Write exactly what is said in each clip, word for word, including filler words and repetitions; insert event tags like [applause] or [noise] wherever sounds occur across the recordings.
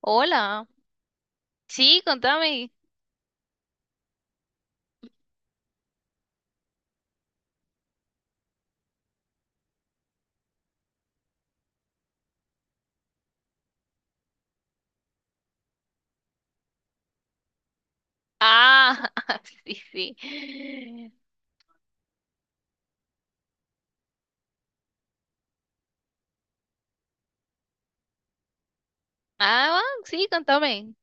Hola, sí, contame. Ah, [laughs] sí, sí. Ah, va, sí, contame.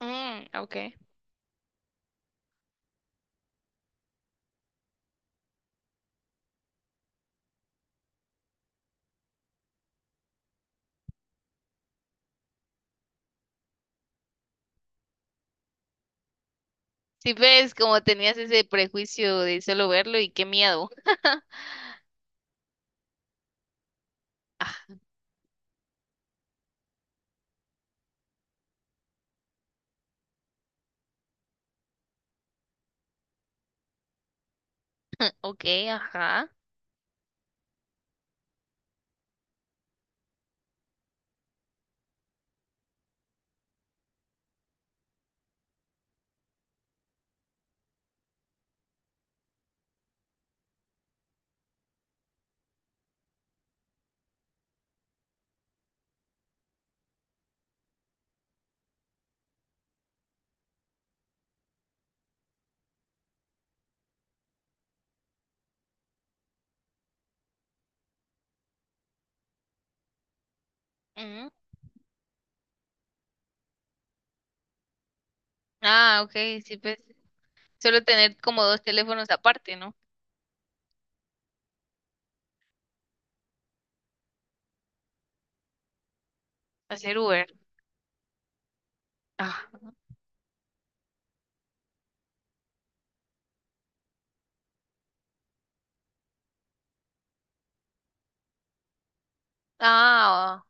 Mm, okay. Sí, ves, como tenías ese prejuicio de solo verlo y qué miedo. [laughs] Ah, okay, ajá. Mm. Ah, okay, sí, pues solo tener como dos teléfonos aparte, ¿no? Hacer Uber. Ah, ah,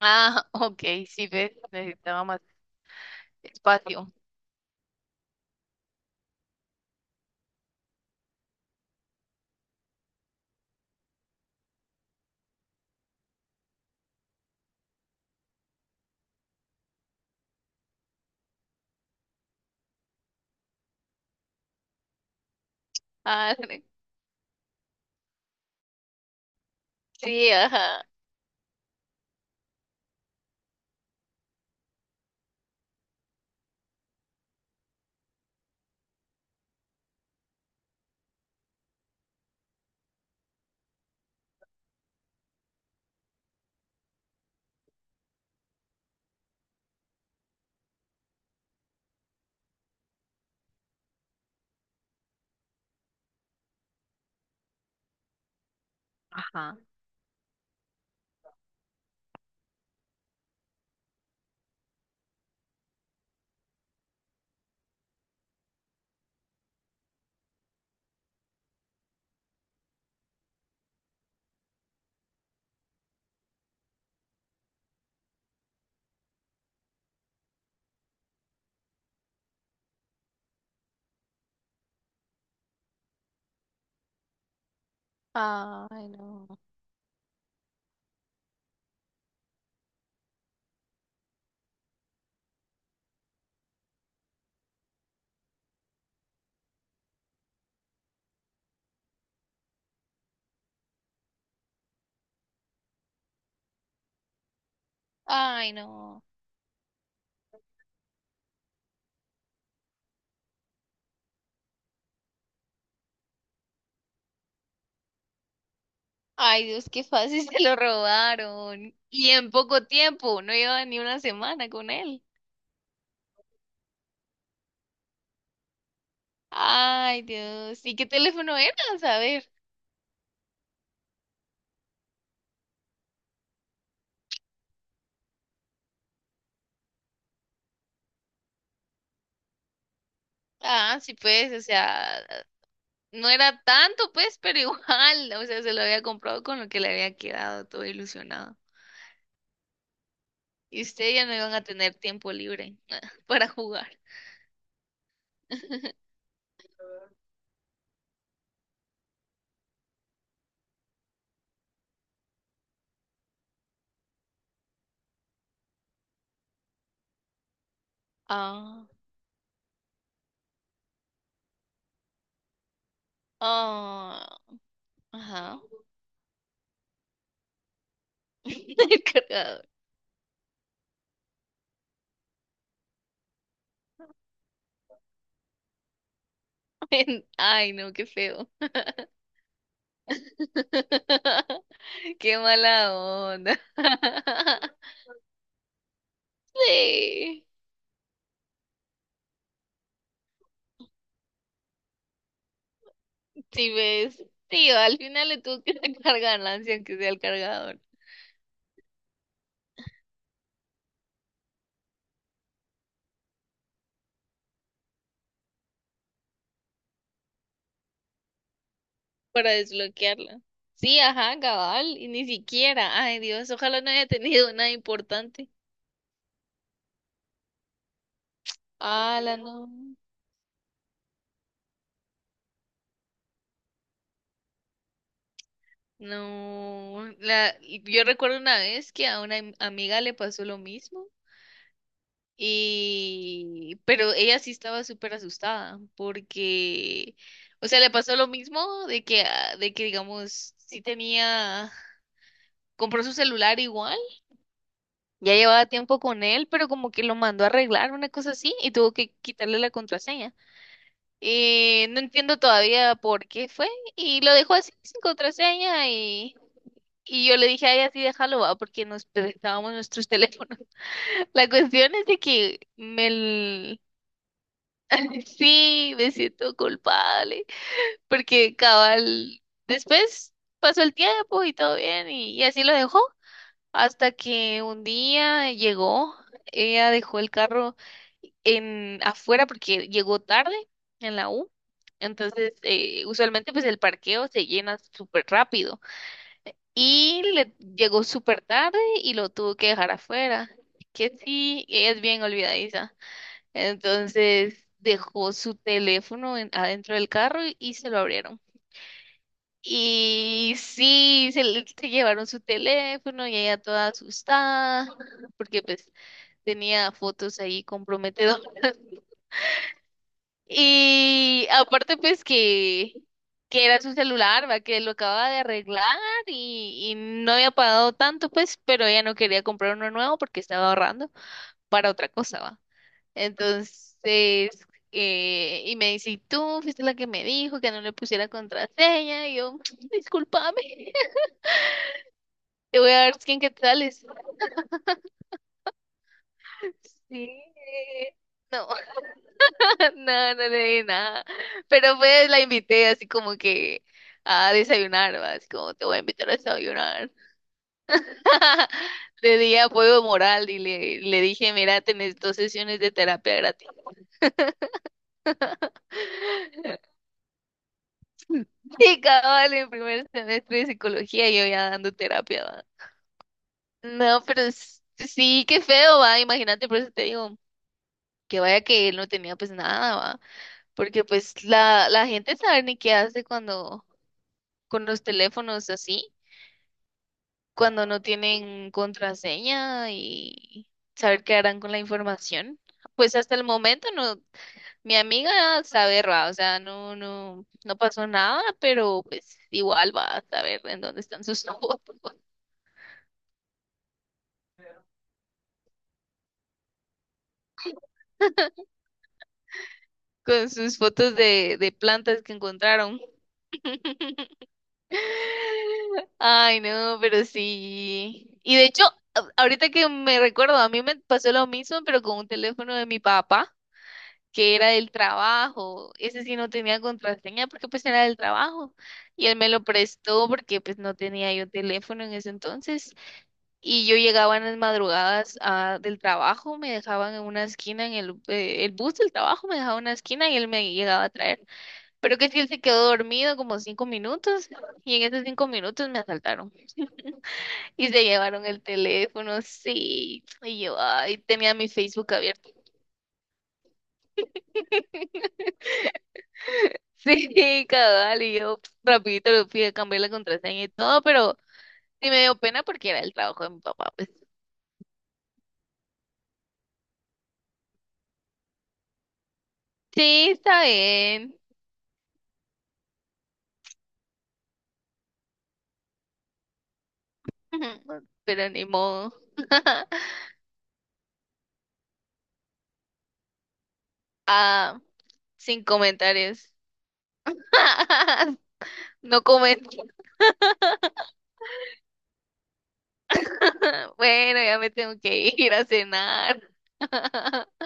ah, [laughs] okay, sí, ves, necesitaba más espacio. Ah, [laughs] sí, ajá. Ajá. Ay, no. Ay, no. Ay, Dios, qué fácil [laughs] se lo robaron. Y en poco tiempo, no llevaba ni una semana con él. Ay, Dios. ¿Y qué teléfono era? A ver. Ah, sí, pues, o sea, no era tanto, pues, pero [laughs] igual, o sea, se lo había comprado con lo que le había quedado, todo ilusionado. Y ustedes ya no iban a tener tiempo libre [laughs] para jugar. [laughs] Ah, ah, ajá. [laughs] El cargador. [laughs] Ay, no, qué feo. [laughs] Qué mala onda. [laughs] Sí, sí ves. Sí, al final le tuvo que sacar ganancia, aunque sea el cargador, para desbloquearla. Sí, ajá, cabal, y ni siquiera. Ay, Dios, ojalá no haya tenido nada importante. Ah, la no. No, la, yo recuerdo una vez que a una am- amiga le pasó lo mismo. Y pero ella sí estaba súper asustada porque, o sea, le pasó lo mismo de que, ah, de que digamos, sí tenía, compró su celular igual, ya llevaba tiempo con él, pero como que lo mandó a arreglar, una cosa así, y tuvo que quitarle la contraseña. Eh, no entiendo todavía por qué fue, y lo dejó así sin contraseña y... Y yo le dije a ella, sí, déjalo, va, porque nos prestábamos nuestros teléfonos. [laughs] La cuestión es de que me, Sí, me siento culpable, porque cabal, después pasó el tiempo y todo bien, y y así lo dejó, hasta que un día llegó, ella dejó el carro en afuera porque llegó tarde en la U. Entonces eh, usualmente pues el parqueo se llena súper rápido, y le llegó súper tarde y lo tuvo que dejar afuera, que sí, ella es bien olvidadiza. Entonces dejó su teléfono en- adentro del carro y, y se lo abrieron. Y sí, se, le- se llevaron su teléfono y ella toda asustada porque pues tenía fotos ahí comprometedoras. [laughs] Y aparte pues que, que era su celular, ¿va? Que lo acababa de arreglar y, y no había pagado tanto pues, pero ella no quería comprar uno nuevo porque estaba ahorrando para otra cosa, ¿va? Entonces, eh, y me dice, "¿Y tú fuiste la que me dijo que no le pusiera contraseña?". Y yo, [tsk] discúlpame, [laughs] te voy a dar cien quetzales. Sí. No, [laughs] no, no le di nada. Pero pues la invité así como que a desayunar, ¿va? Así como te voy a invitar a desayunar. [laughs] Le di apoyo moral y le, le dije, mira, tenés dos sesiones de terapia gratis. [laughs] Y cabal, en primer semestre de psicología, yo ya dando terapia. No, pero s- sí, qué feo, va, imagínate, por eso te digo, que vaya que él no tenía pues nada, va, porque pues la, la gente sabe ni qué hace cuando, con los teléfonos así, cuando no tienen contraseña y saber qué harán con la información. Pues hasta el momento no, mi amiga sabe, va, o sea, no, no, no pasó nada, pero pues igual va a saber en dónde están sus [laughs] fotos, con sus fotos de, de plantas que encontraron. Ay, no, pero sí. Y de hecho, a- ahorita que me recuerdo, a mí me pasó lo mismo, pero con un teléfono de mi papá, que era del trabajo. Ese sí no tenía contraseña porque pues era del trabajo. Y él me lo prestó porque pues no tenía yo teléfono en ese entonces. Y yo llegaba en las madrugadas ah, del trabajo, me dejaban en una esquina, en el, eh, el bus del trabajo me dejaba en una esquina y él me llegaba a traer. Pero que si él se quedó dormido como cinco minutos y en esos cinco minutos me asaltaron. Y se llevaron el teléfono, sí. Y yo, ay, tenía mi Facebook abierto. [laughs] Sí, cabal, y yo pf, rapidito le fui a cambiar la contraseña y todo, pero sí me dio pena porque era el trabajo de mi papá, pues. Sí, está bien, [laughs] pero ni modo. [laughs] Ah, sin comentarios. [laughs] No comento. [laughs] Bueno, ya me tengo que ir a cenar. [laughs]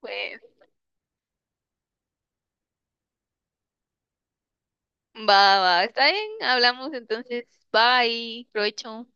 Bueno. Va, va, está bien, hablamos entonces. Bye, provecho.